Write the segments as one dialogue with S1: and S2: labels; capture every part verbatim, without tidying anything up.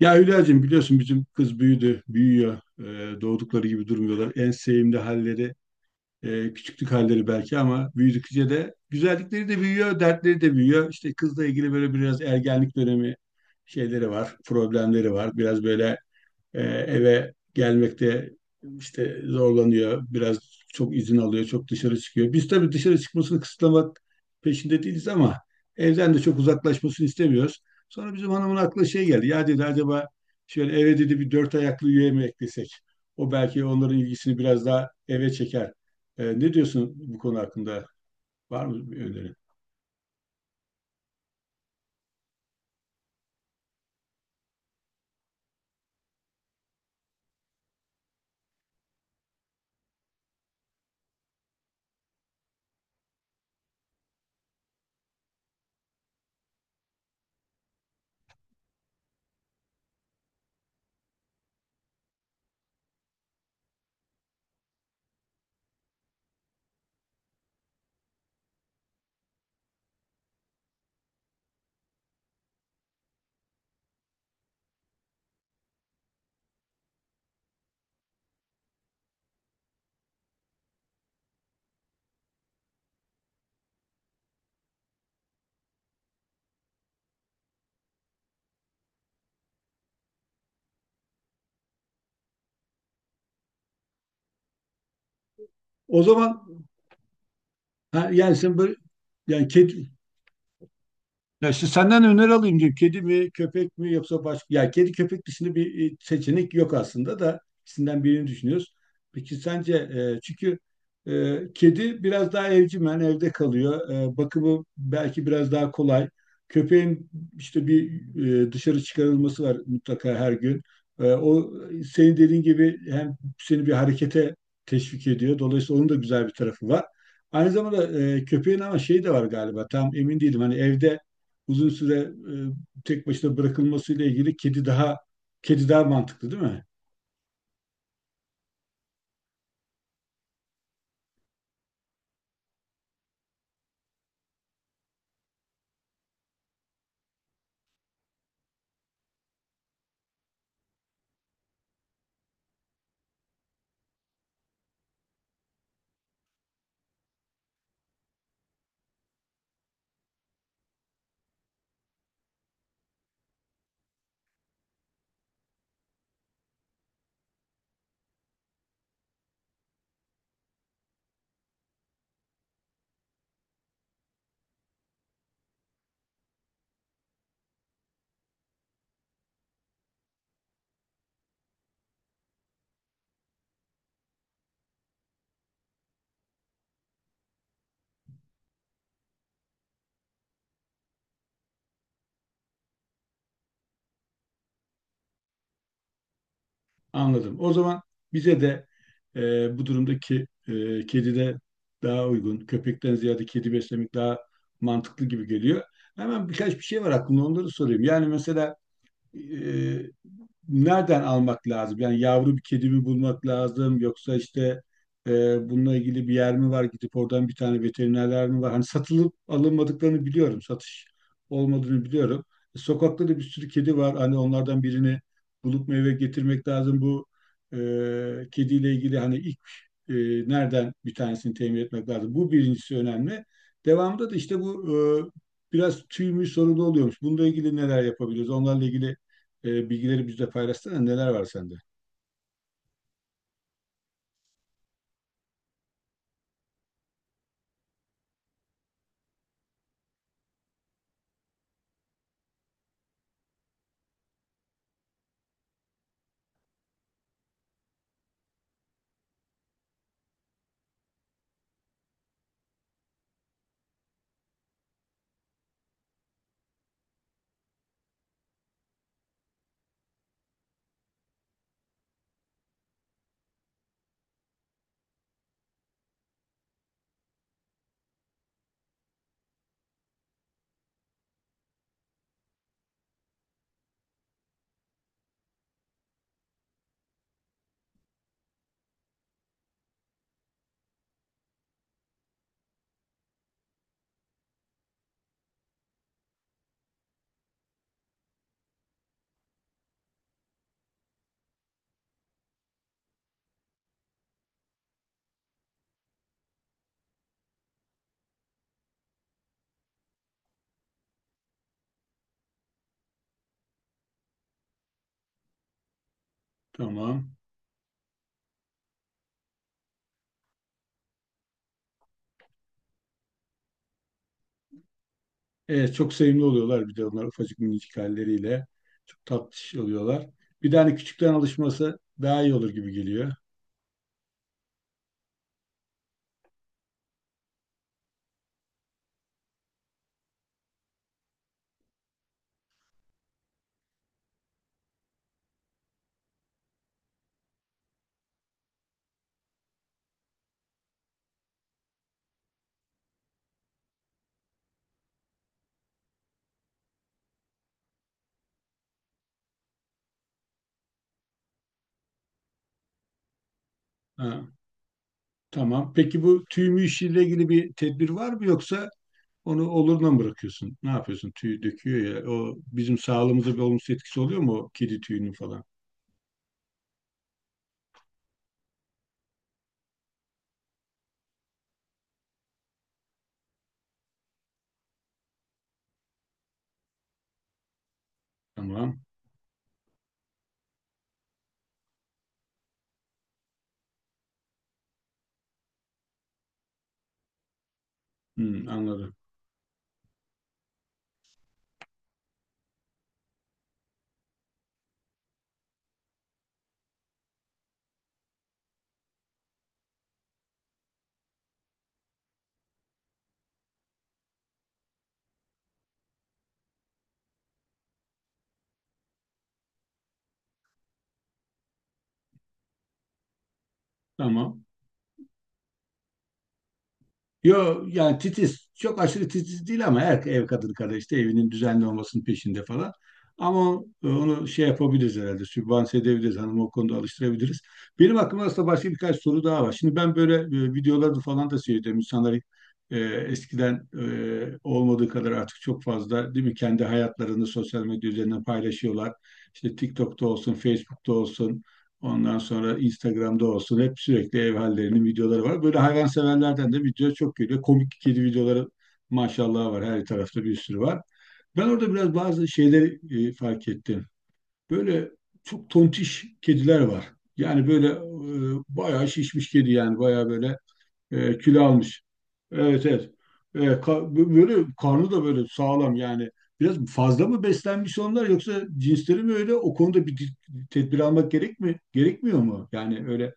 S1: Ya Hülya'cığım biliyorsun bizim kız büyüdü, büyüyor. Ee, doğdukları gibi durmuyorlar. En sevimli halleri, e, küçüklük halleri belki ama büyüdükçe de güzellikleri de büyüyor, dertleri de büyüyor. İşte kızla ilgili böyle biraz ergenlik dönemi şeyleri var, problemleri var. Biraz böyle e, eve gelmekte işte zorlanıyor. Biraz çok izin alıyor, çok dışarı çıkıyor. Biz tabii dışarı çıkmasını kısıtlamak peşinde değiliz ama evden de çok uzaklaşmasını istemiyoruz. Sonra bizim hanımın aklına şey geldi. Ya dedi acaba şöyle eve dedi bir dört ayaklı üye mi eklesek? O belki onların ilgisini biraz daha eve çeker. E, ne diyorsun bu konu hakkında? Var mı bir öneri? O zaman ha, yani sen böyle yani kedi, ya işte senden öneri alayım diyeyim. Kedi mi, köpek mi yoksa başka? Ya kedi köpek dışında bir e, seçenek yok aslında da ikisinden birini düşünüyoruz. Peki sence e, çünkü e, kedi biraz daha evcimen evde kalıyor. E, bakımı belki biraz daha kolay. Köpeğin işte bir e, dışarı çıkarılması var mutlaka her gün. E, o senin dediğin gibi hem seni bir harekete teşvik ediyor. Dolayısıyla onun da güzel bir tarafı var. Aynı zamanda e, köpeğin ama şeyi de var galiba. Tam emin değilim. Hani evde uzun süre e, tek başına bırakılmasıyla ilgili kedi daha kedi daha mantıklı değil mi? Anladım. O zaman bize de e, bu durumdaki e, kedi de daha uygun. Köpekten ziyade kedi beslemek daha mantıklı gibi geliyor. Hemen birkaç bir şey var aklımda onları sorayım. Yani mesela e, nereden almak lazım? Yani yavru bir kedi mi bulmak lazım yoksa işte e, bununla ilgili bir yer mi var? Gidip oradan bir tane veterinerler mi var? Hani satılıp alınmadıklarını biliyorum. Satış olmadığını biliyorum. E, sokakta da bir sürü kedi var. Hani onlardan birini bulup meyve getirmek lazım. Bu e, kediyle ilgili hani ilk e, nereden bir tanesini temin etmek lazım? Bu birincisi önemli. Devamında da işte bu e, biraz tüy mü sorunu oluyormuş. Bununla ilgili neler yapabiliriz? Onlarla ilgili e, bilgileri bizle paylaşsana neler var sende. Tamam. Evet, çok sevimli oluyorlar bir de onlar ufacık minicik halleriyle. Çok tatlış oluyorlar. Bir de hani küçükten alışması daha iyi olur gibi geliyor. Ha, tamam. Peki bu tüy mü işiyle ilgili bir tedbir var mı yoksa onu oluruna mı bırakıyorsun? Ne yapıyorsun? Tüy döküyor ya. O bizim sağlığımıza bir olumsuz etkisi oluyor mu o kedi tüyünün falan? Tamam. Hmm, anladım. Tamam. Yo yani titiz. Çok aşırı titiz değil ama her ev kadını kadar işte evinin düzenli olmasının peşinde falan. Ama e, onu şey yapabiliriz herhalde. Sübvanse edebiliriz. Hanımı o konuda alıştırabiliriz. Benim aklımda aslında başka birkaç soru daha var. Şimdi ben böyle e, videolarda falan da seyrediyorum. İnsanlar e, eskiden e, olmadığı kadar artık çok fazla değil mi? Kendi hayatlarını sosyal medya üzerinden paylaşıyorlar. İşte TikTok'ta olsun, Facebook'ta olsun, ondan sonra Instagram'da olsun hep sürekli ev hallerinin videoları var. Böyle hayvanseverlerden de video çok geliyor. Komik kedi videoları maşallah var. Her tarafta bir sürü var. Ben orada biraz bazı şeyleri e, fark ettim. Böyle çok tontiş kediler var. Yani böyle e, bayağı şişmiş kedi yani bayağı böyle e, kilo almış. Evet, evet. E, ka- böyle karnı da böyle sağlam yani. Biraz fazla mı beslenmiş onlar yoksa cinsleri mi öyle? O konuda bir di- tedbir almak gerek mi? Gerekmiyor mu? Yani öyle.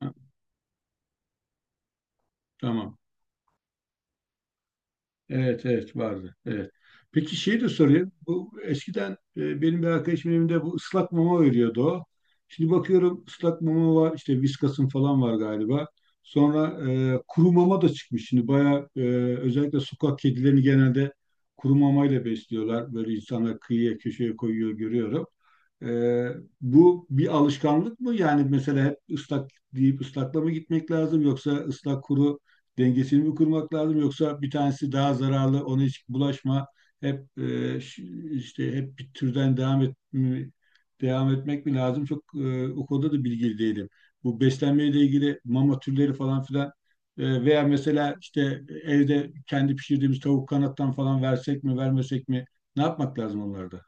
S1: Ha, tamam. Evet, evet, vardı. Evet. Peki şey de sorayım. Bu eskiden e, benim bir arkadaşımın evinde bu ıslak mama veriyordu o. Şimdi bakıyorum ıslak mama var işte Whiskas'ın falan var galiba. Sonra e, kuru mama da çıkmış. Şimdi bayağı e, özellikle sokak kedilerini genelde kuru mamayla besliyorlar. Böyle insanlar kıyıya köşeye koyuyor görüyorum. E, Bu bir alışkanlık mı? Yani mesela hep ıslak deyip ıslakla mı gitmek lazım yoksa ıslak kuru dengesini mi kurmak lazım yoksa bir tanesi daha zararlı ona hiç bulaşma hep e, ş- işte hep bir türden devam et mi- devam etmek mi lazım? Çok e, o konuda da bilgili değilim. Bu beslenmeyle ilgili mama türleri falan filan e, veya mesela işte evde kendi pişirdiğimiz tavuk kanattan falan versek mi vermesek mi? Ne yapmak lazım onlarda?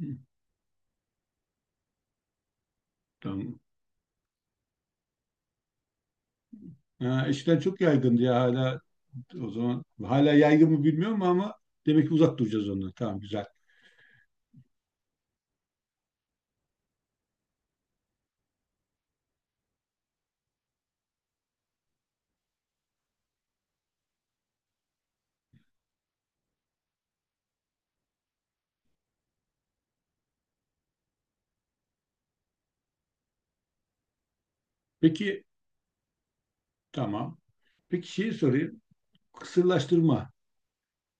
S1: Hı, tamam. Ha, eskiden çok yaygındı ya hala o zaman. Hala yaygın mı bilmiyorum ama demek ki uzak duracağız ondan. Tamam, güzel. Peki, tamam. Peki şeyi sorayım. Kısırlaştırma.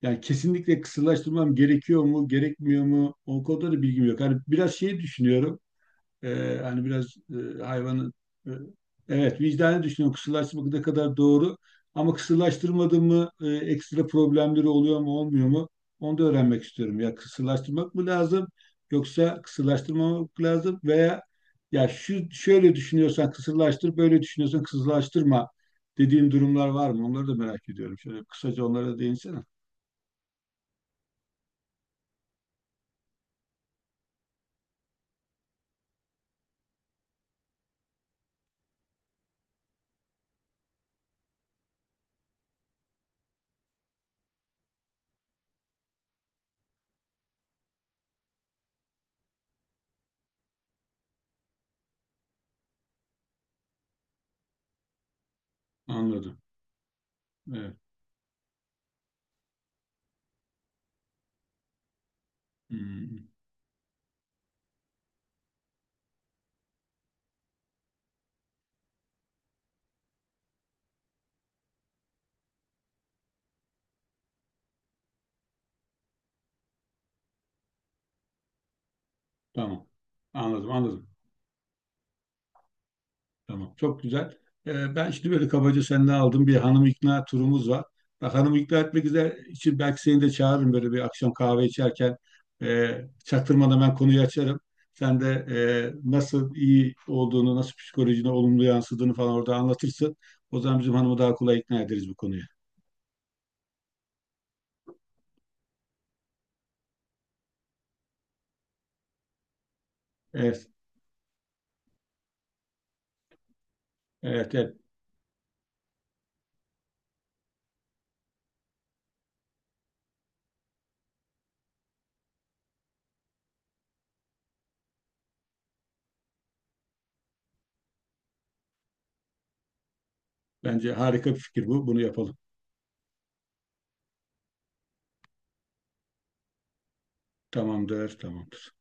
S1: Yani kesinlikle kısırlaştırmam gerekiyor mu, gerekmiyor mu? O konuda da bilgim yok. Hani biraz şey düşünüyorum. Ee, hani biraz e, hayvanı e, evet vicdani düşünüyorum. Kısırlaştırmak ne kadar doğru ama kısırlaştırmadı mı e, ekstra problemleri oluyor mu olmuyor mu? Onu da öğrenmek istiyorum. Ya kısırlaştırmak mı lazım yoksa kısırlaştırmamak lazım veya ya şu şöyle düşünüyorsan kısırlaştır, böyle düşünüyorsan kısırlaştırma dediğin durumlar var mı? Onları da merak ediyorum. Şöyle kısaca onlara da değinsene. Anladım. Evet. Hmm, tamam. Anladım, anladım. Tamam, çok güzel. Ee, ben şimdi böyle kabaca senden aldım, bir hanım ikna turumuz var. Bak, hanım ikna etmek üzere için belki seni de çağırırım böyle bir akşam kahve içerken. Ee, çaktırmadan ben konuyu açarım. Sen de e, nasıl iyi olduğunu, nasıl psikolojine olumlu yansıdığını falan orada anlatırsın. O zaman bizim hanımı daha kolay ikna ederiz bu konuya. Evet, evet, evet. Bence harika bir fikir bu. Bunu yapalım. Tamamdır, tamamdır.